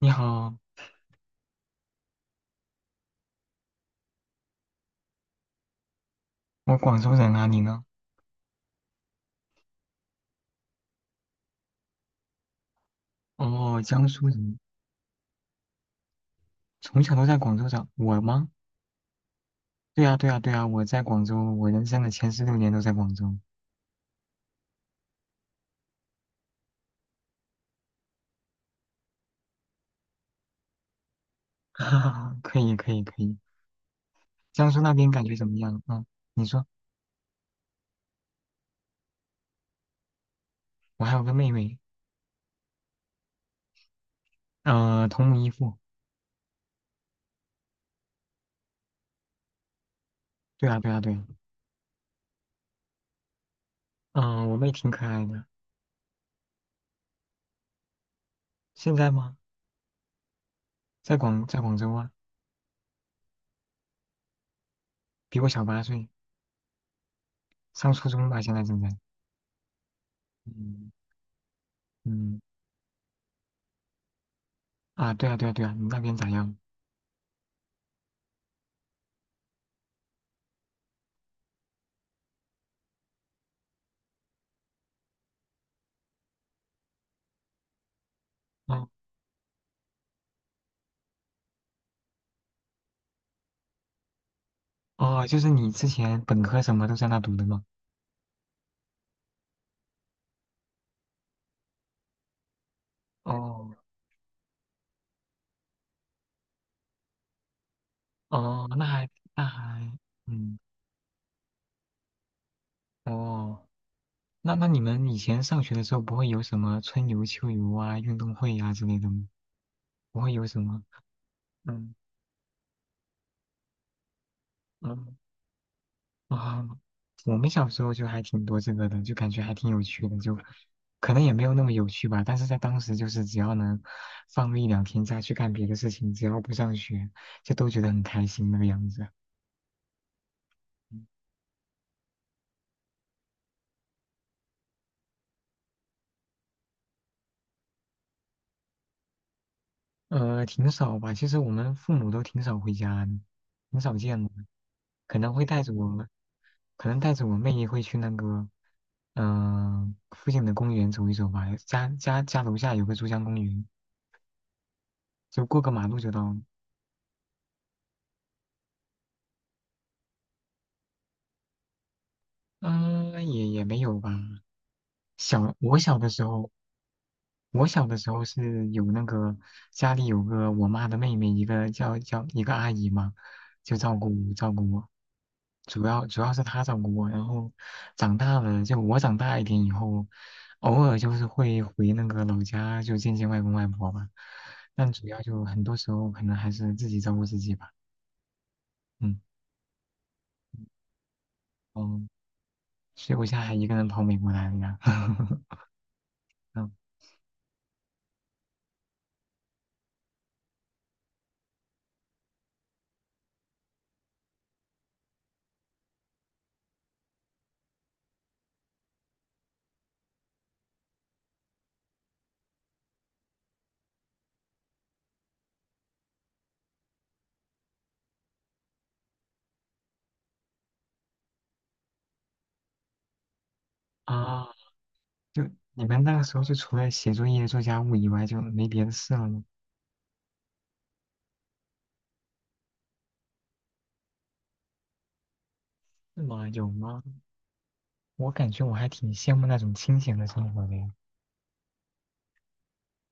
你好，我广州人啊，你呢？哦，江苏人，从小都在广州长。我吗？对呀，对呀，对呀，我在广州，我人生的前16年都在广州。哈哈，可以，可以，可以。江苏那边感觉怎么样？嗯，你说，我还有个妹妹，同母异父。对啊，对啊，对啊。嗯、我妹挺可爱的。现在吗？在广州啊，比我小8岁，上初中吧，现在正在。嗯嗯啊，对啊，对啊，对啊，你那边咋样？哦哦，就是你之前本科什么都在那读的吗？哦哦，那还嗯哦，那你们以前上学的时候不会有什么春游、秋游啊、运动会啊之类的吗？不会有什么？嗯嗯啊，我们小时候就还挺多这个的，就感觉还挺有趣的，就可能也没有那么有趣吧，但是在当时就是只要能放个一两天假去干别的事情，只要不上学，就都觉得很开心那个样子。挺少吧，其实我们父母都挺少回家的，挺少见的。可能会带着我们，可能带着我妹也会去那个，嗯、附近的公园走一走吧。家楼下有个珠江公园，就过个马路就到了。嗯、也没有吧。我小的时候，我小的时候是有那个家里有个我妈的妹妹，一个叫一个阿姨嘛，就照顾我，主要是她照顾我。然后长大了，就我长大一点以后，偶尔就是会回那个老家，就见见外公外婆吧。但主要就很多时候可能还是自己照顾自己吧。嗯嗯，所以我现在还一个人跑美国来了呀。嗯啊，就你们那个时候就除了写作业、做家务以外，就没别的事了吗？是吗？有吗？我感觉我还挺羡慕那种清闲的生活的呀。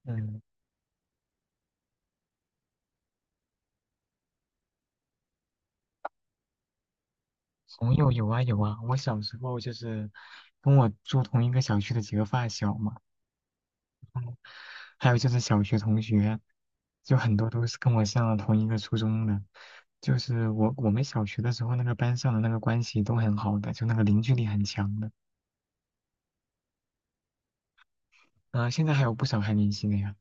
嗯，朋友有啊有啊，我小时候就是跟我住同一个小区的几个发小嘛，还有就是小学同学，就很多都是跟我上了同一个初中的。就是我们小学的时候，那个班上的那个关系都很好的，就那个凝聚力很强的。啊、现在还有不少还联系的呀。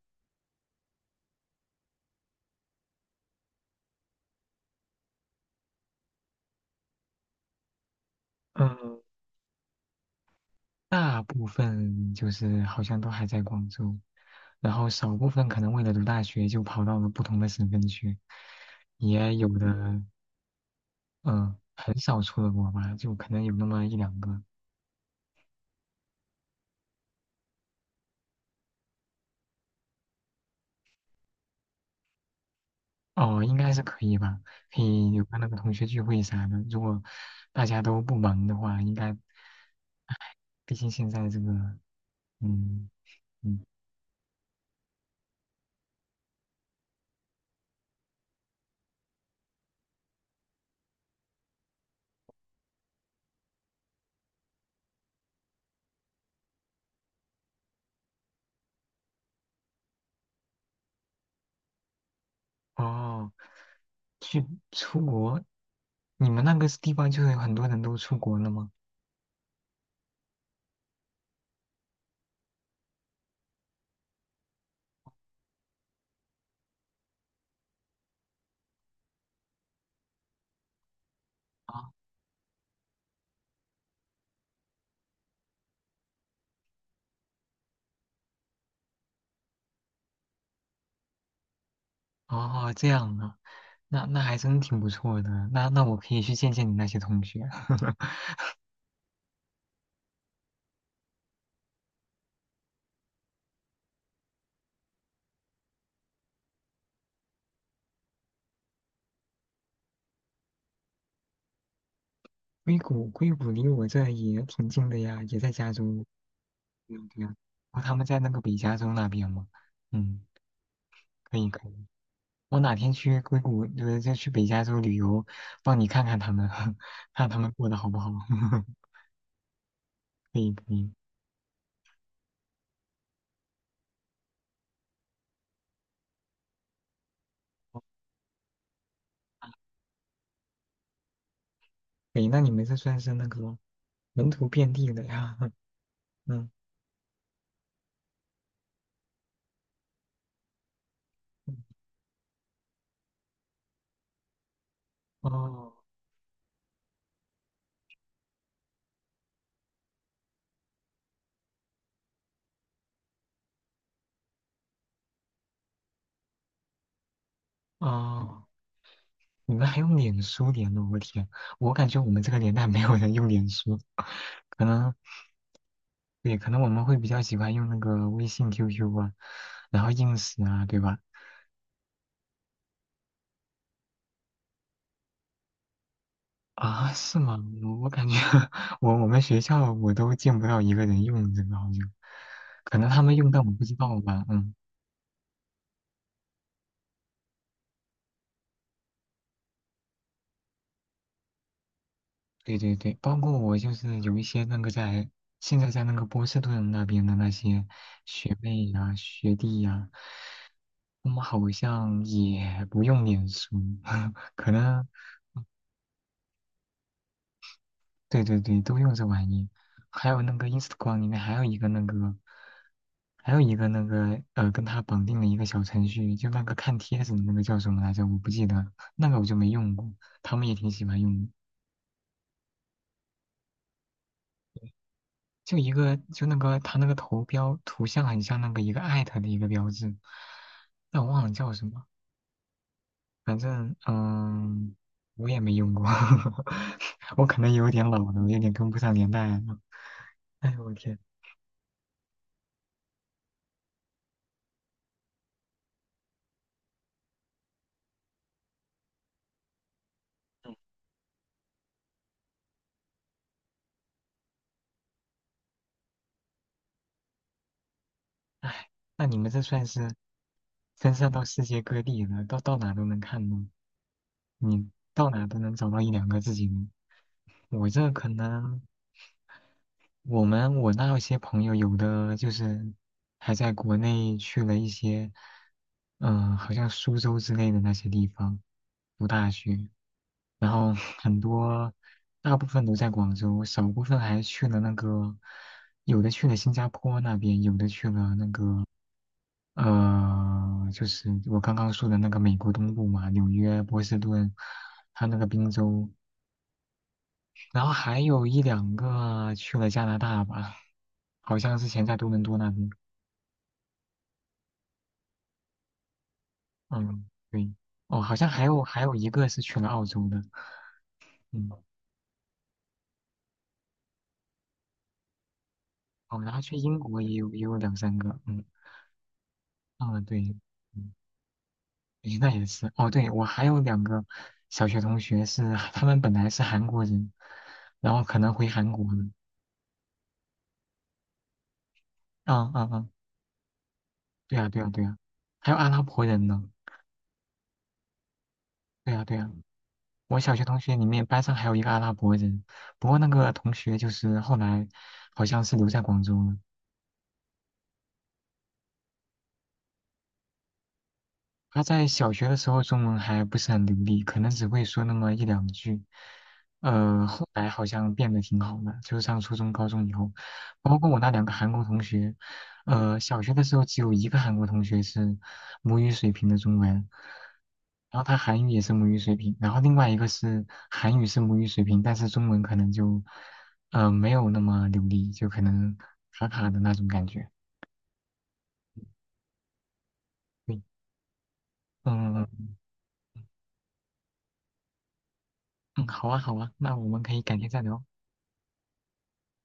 嗯，大部分就是好像都还在广州，然后少部分可能为了读大学就跑到了不同的省份去，也有的，嗯，很少出了国吧，就可能有那么一两个，哦，应该是可以吧，可以有个那个同学聚会啥的，如果大家都不忙的话，应该，唉，毕竟现在这个，嗯嗯，哦，去出国，你们那个地方就是有很多人都出国了吗？啊。哦，这样啊，那还真挺不错的。那我可以去见见你那些同学。硅谷，硅谷离我这也挺近的呀，也在加州。对呀对呀，哦，他们在那个北加州那边嘛。嗯，可以可以。我哪天去硅谷，就去北加州旅游，帮你看看他们，看他们过得好不好。可以可以。可以，那你们这算是那个门徒遍地的呀？嗯，哦哦。你们还用脸书联络？我天，我感觉我们这个年代没有人用脸书，可能对，可能我们会比较喜欢用那个微信、QQ 啊，然后 i n 啊，对吧？啊，是吗？我感觉 我们学校我都见不到一个人用这个，好像，可能他们用但我不知道吧，嗯。对对对，包括我就是有一些那个现在在那个波士顿那边的那些学妹呀、学弟呀、他们好像也不用脸书，可能对对对，都用这玩意。还有那个 Instagram 里面还有一个那个，还有一个那个跟他绑定了一个小程序，就那个看帖子的那个叫什么来着？我不记得，那个我就没用过，他们也挺喜欢用的。就一个就那个他那个头标图像很像那个一个艾特的一个标志，但我忘了叫什么，反正嗯，我也没用过，我可能有点老了，我有点跟不上年代了。哎呦我天，哎，那你们这算是分散到世界各地了，到哪都能看呢？你到哪都能找到一两个自己呢？我这可能。我那些朋友有的就是还在国内去了一些，嗯、好像苏州之类的那些地方读大学，然后很多大部分都在广州，少部分还去了那个，有的去了新加坡那边，有的去了就是我刚刚说的那个美国东部嘛，纽约、波士顿，还有那个滨州，然后还有一两个去了加拿大吧，好像之前在多伦多那边。嗯，对。哦，好像还有一个是去了澳洲的。嗯，哦，然后去英国也有两三个。嗯，啊，对，嗯，诶，那也是。哦，对，我还有两个小学同学是他们本来是韩国人，然后可能回韩国了。嗯嗯嗯，对啊对啊对啊，还有阿拉伯人呢。对啊对啊。我小学同学里面班上还有一个阿拉伯人，不过那个同学就是后来好像是留在广州了。他在小学的时候中文还不是很流利，可能只会说那么一两句。后来好像变得挺好的，就是上初中、高中以后，包括我那两个韩国同学，小学的时候只有一个韩国同学是母语水平的中文，然后他韩语也是母语水平，然后另外一个是韩语是母语水平，但是中文可能就没有那么流利，就可能卡卡的那种感觉。对，嗯嗯，嗯好啊好啊，那我们可以改天再聊。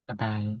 拜拜。